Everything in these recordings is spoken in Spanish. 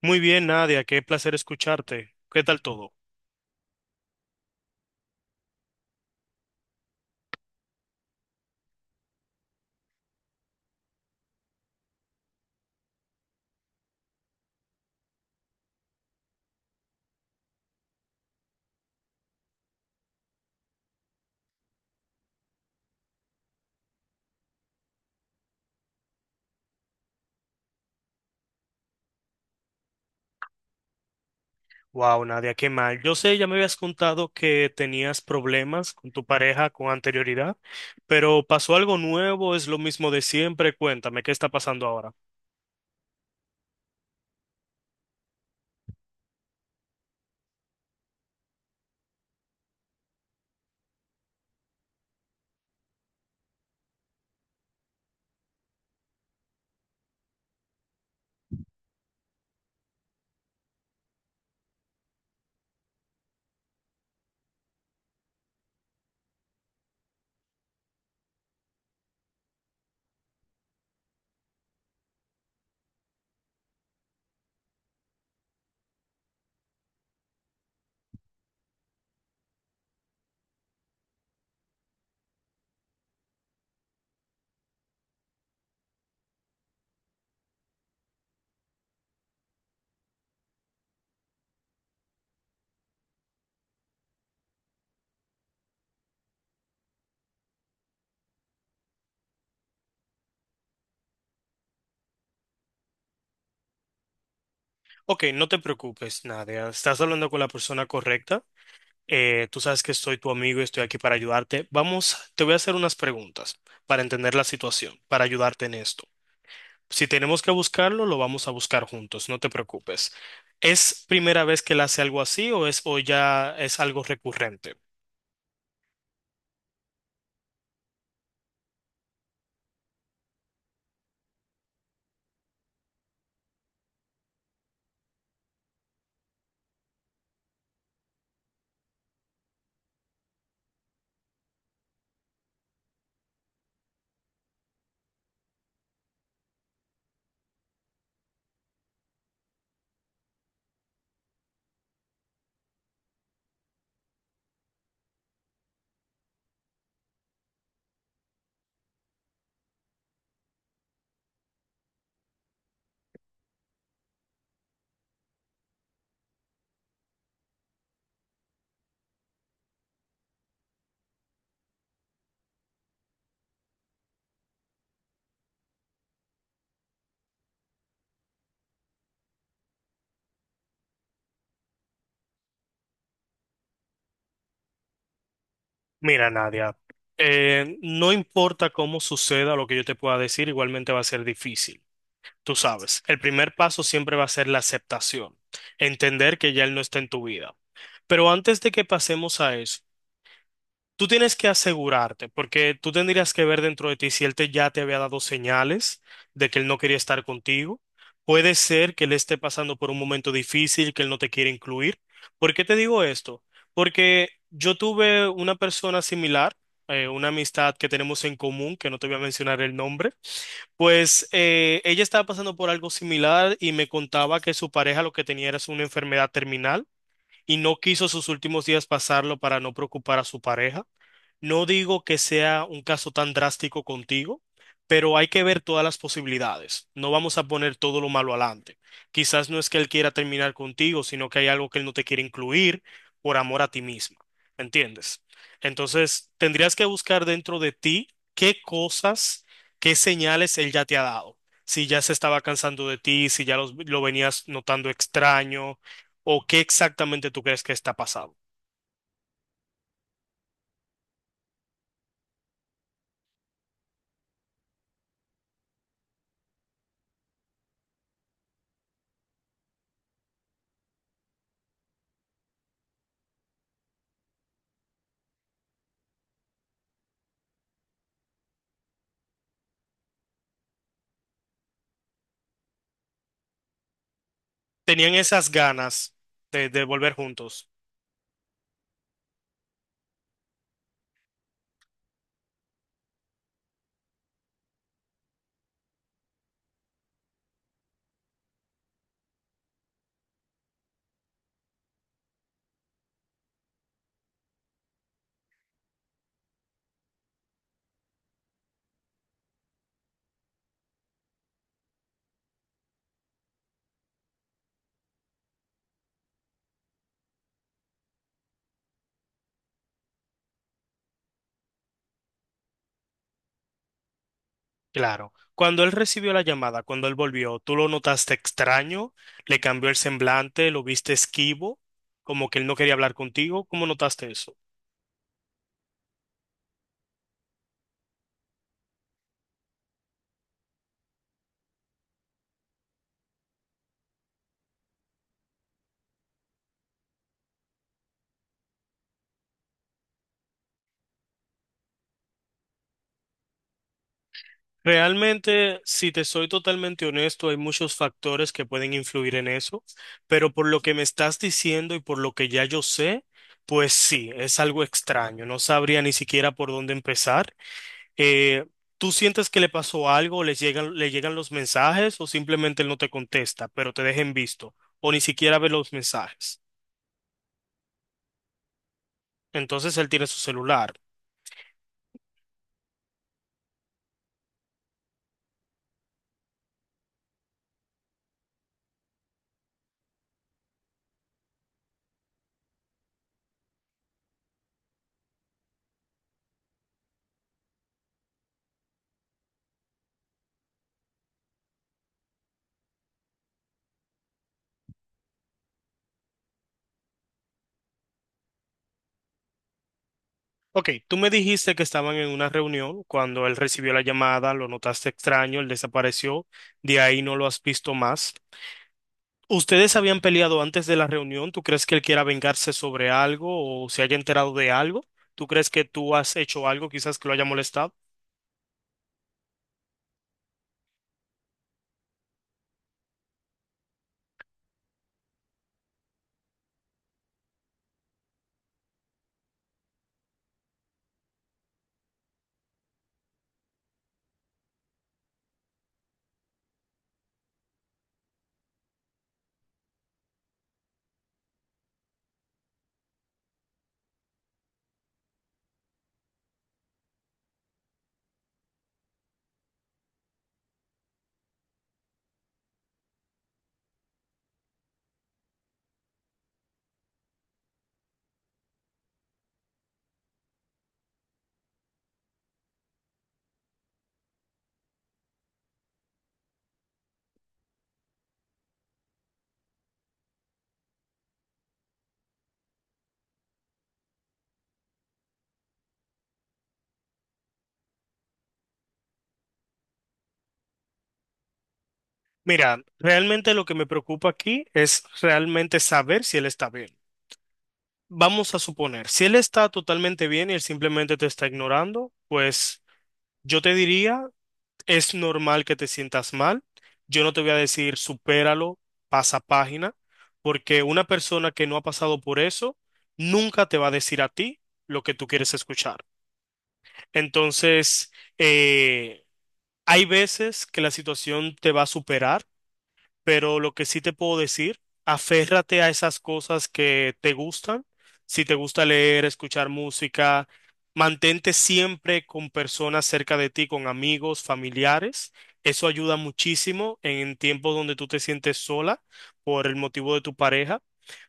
Muy bien, Nadia, qué placer escucharte. ¿Qué tal todo? Wow, Nadia, qué mal. Yo sé, ya me habías contado que tenías problemas con tu pareja con anterioridad, pero ¿pasó algo nuevo? ¿Es lo mismo de siempre? Cuéntame, ¿qué está pasando ahora? Ok, no te preocupes, Nadia. Estás hablando con la persona correcta. Tú sabes que soy tu amigo y estoy aquí para ayudarte. Vamos, te voy a hacer unas preguntas para entender la situación, para ayudarte en esto. Si tenemos que buscarlo, lo vamos a buscar juntos, no te preocupes. ¿Es primera vez que él hace algo así o es o ya es algo recurrente? Mira, Nadia, no importa cómo suceda lo que yo te pueda decir, igualmente va a ser difícil. Tú sabes, el primer paso siempre va a ser la aceptación, entender que ya él no está en tu vida. Pero antes de que pasemos a eso, tú tienes que asegurarte, porque tú tendrías que ver dentro de ti si él te, ya te había dado señales de que él no quería estar contigo. Puede ser que él esté pasando por un momento difícil, que él no te quiere incluir. ¿Por qué te digo esto? Porque yo tuve una persona similar, una amistad que tenemos en común, que no te voy a mencionar el nombre, pues ella estaba pasando por algo similar y me contaba que su pareja lo que tenía era una enfermedad terminal y no quiso sus últimos días pasarlo para no preocupar a su pareja. No digo que sea un caso tan drástico contigo, pero hay que ver todas las posibilidades. No vamos a poner todo lo malo adelante. Quizás no es que él quiera terminar contigo, sino que hay algo que él no te quiere incluir por amor a ti misma. ¿Entiendes? Entonces, tendrías que buscar dentro de ti qué cosas, qué señales él ya te ha dado. Si ya se estaba cansando de ti, si ya lo venías notando extraño, o qué exactamente tú crees que está pasando. Tenían esas ganas de volver juntos. Claro. Cuando él recibió la llamada, cuando él volvió, ¿tú lo notaste extraño? ¿Le cambió el semblante? ¿Lo viste esquivo? Como que él no quería hablar contigo. ¿Cómo notaste eso? Realmente, si te soy totalmente honesto, hay muchos factores que pueden influir en eso, pero por lo que me estás diciendo y por lo que ya yo sé, pues sí, es algo extraño. No sabría ni siquiera por dónde empezar. eh, ¿Tú sientes que le pasó algo, les llegan, le llegan los mensajes o simplemente él no te contesta, pero te deja en visto o ni siquiera ve los mensajes? Entonces él tiene su celular. Ok, tú me dijiste que estaban en una reunión cuando él recibió la llamada, lo notaste extraño, él desapareció, de ahí no lo has visto más. ¿Ustedes habían peleado antes de la reunión? ¿Tú crees que él quiera vengarse sobre algo o se haya enterado de algo? ¿Tú crees que tú has hecho algo quizás que lo haya molestado? Mira, realmente lo que me preocupa aquí es realmente saber si él está bien. Vamos a suponer, si él está totalmente bien y él simplemente te está ignorando, pues yo te diría, es normal que te sientas mal. Yo no te voy a decir, supéralo, pasa página, porque una persona que no ha pasado por eso nunca te va a decir a ti lo que tú quieres escuchar. Entonces, eh, hay veces que la situación te va a superar pero lo que sí te puedo decir, aférrate a esas cosas que te gustan. Si te gusta leer, escuchar música, mantente siempre con personas cerca de ti, con amigos, familiares. Eso ayuda muchísimo en tiempos donde tú te sientes sola por el motivo de tu pareja.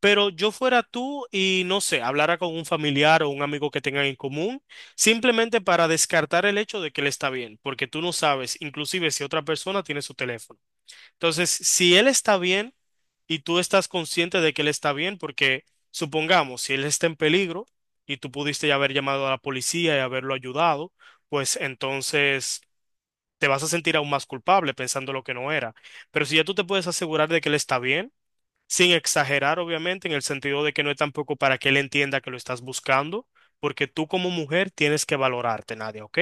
Pero yo fuera tú y no sé, hablara con un familiar o un amigo que tengan en común, simplemente para descartar el hecho de que él está bien, porque tú no sabes, inclusive si otra persona tiene su teléfono. Entonces, si él está bien y tú estás consciente de que él está bien, porque supongamos, si él está en peligro y tú pudiste ya haber llamado a la policía y haberlo ayudado, pues entonces te vas a sentir aún más culpable pensando lo que no era. Pero si ya tú te puedes asegurar de que él está bien, sin exagerar, obviamente, en el sentido de que no es tampoco para que él entienda que lo estás buscando, porque tú como mujer tienes que valorarte, Nadia, ¿ok?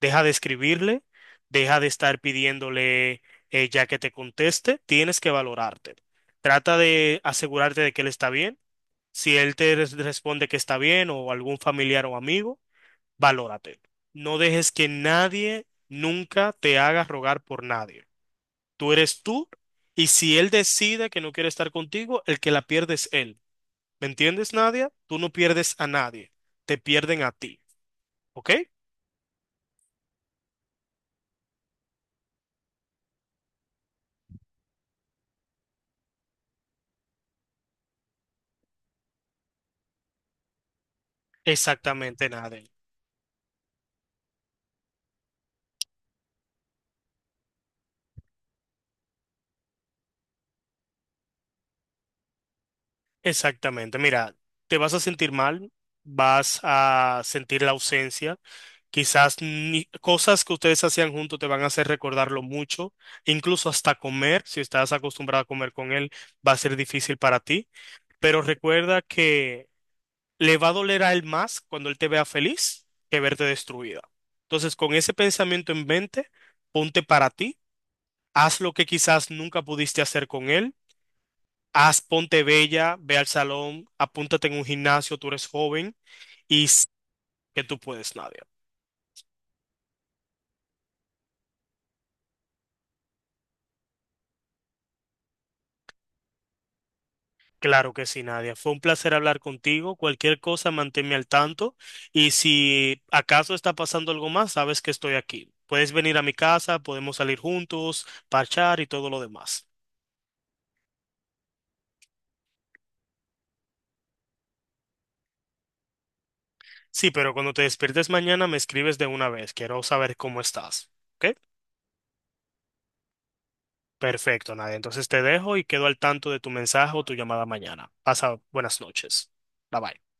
Deja de escribirle, deja de estar pidiéndole ya que te conteste, tienes que valorarte. Trata de asegurarte de que él está bien. Si él te responde que está bien o algún familiar o amigo, valórate. No dejes que nadie nunca te haga rogar por nadie. Tú eres tú y si él decide que no quiere estar contigo, el que la pierde es él. ¿Me entiendes, Nadia? Tú no pierdes a nadie, te pierden a ti, ¿ok? Exactamente, Nadia. Exactamente. Mira, te vas a sentir mal, vas a sentir la ausencia, quizás cosas que ustedes hacían juntos te van a hacer recordarlo mucho, incluso hasta comer, si estás acostumbrado a comer con él, va a ser difícil para ti, pero recuerda que le va a doler a él más cuando él te vea feliz que verte destruida. Entonces, con ese pensamiento en mente, ponte para ti, haz lo que quizás nunca pudiste hacer con él, haz, ponte bella, ve al salón, apúntate en un gimnasio, tú eres joven y que tú puedes, Nadia. Claro que sí, Nadia. Fue un placer hablar contigo. Cualquier cosa, manténme al tanto. Y si acaso está pasando algo más, sabes que estoy aquí. Puedes venir a mi casa, podemos salir juntos, parchar y todo lo demás. Sí, pero cuando te despiertes mañana me escribes de una vez. Quiero saber cómo estás. ¿Ok? Perfecto, Nadia. Entonces te dejo y quedo al tanto de tu mensaje o tu llamada mañana. Pasa buenas noches. Bye bye.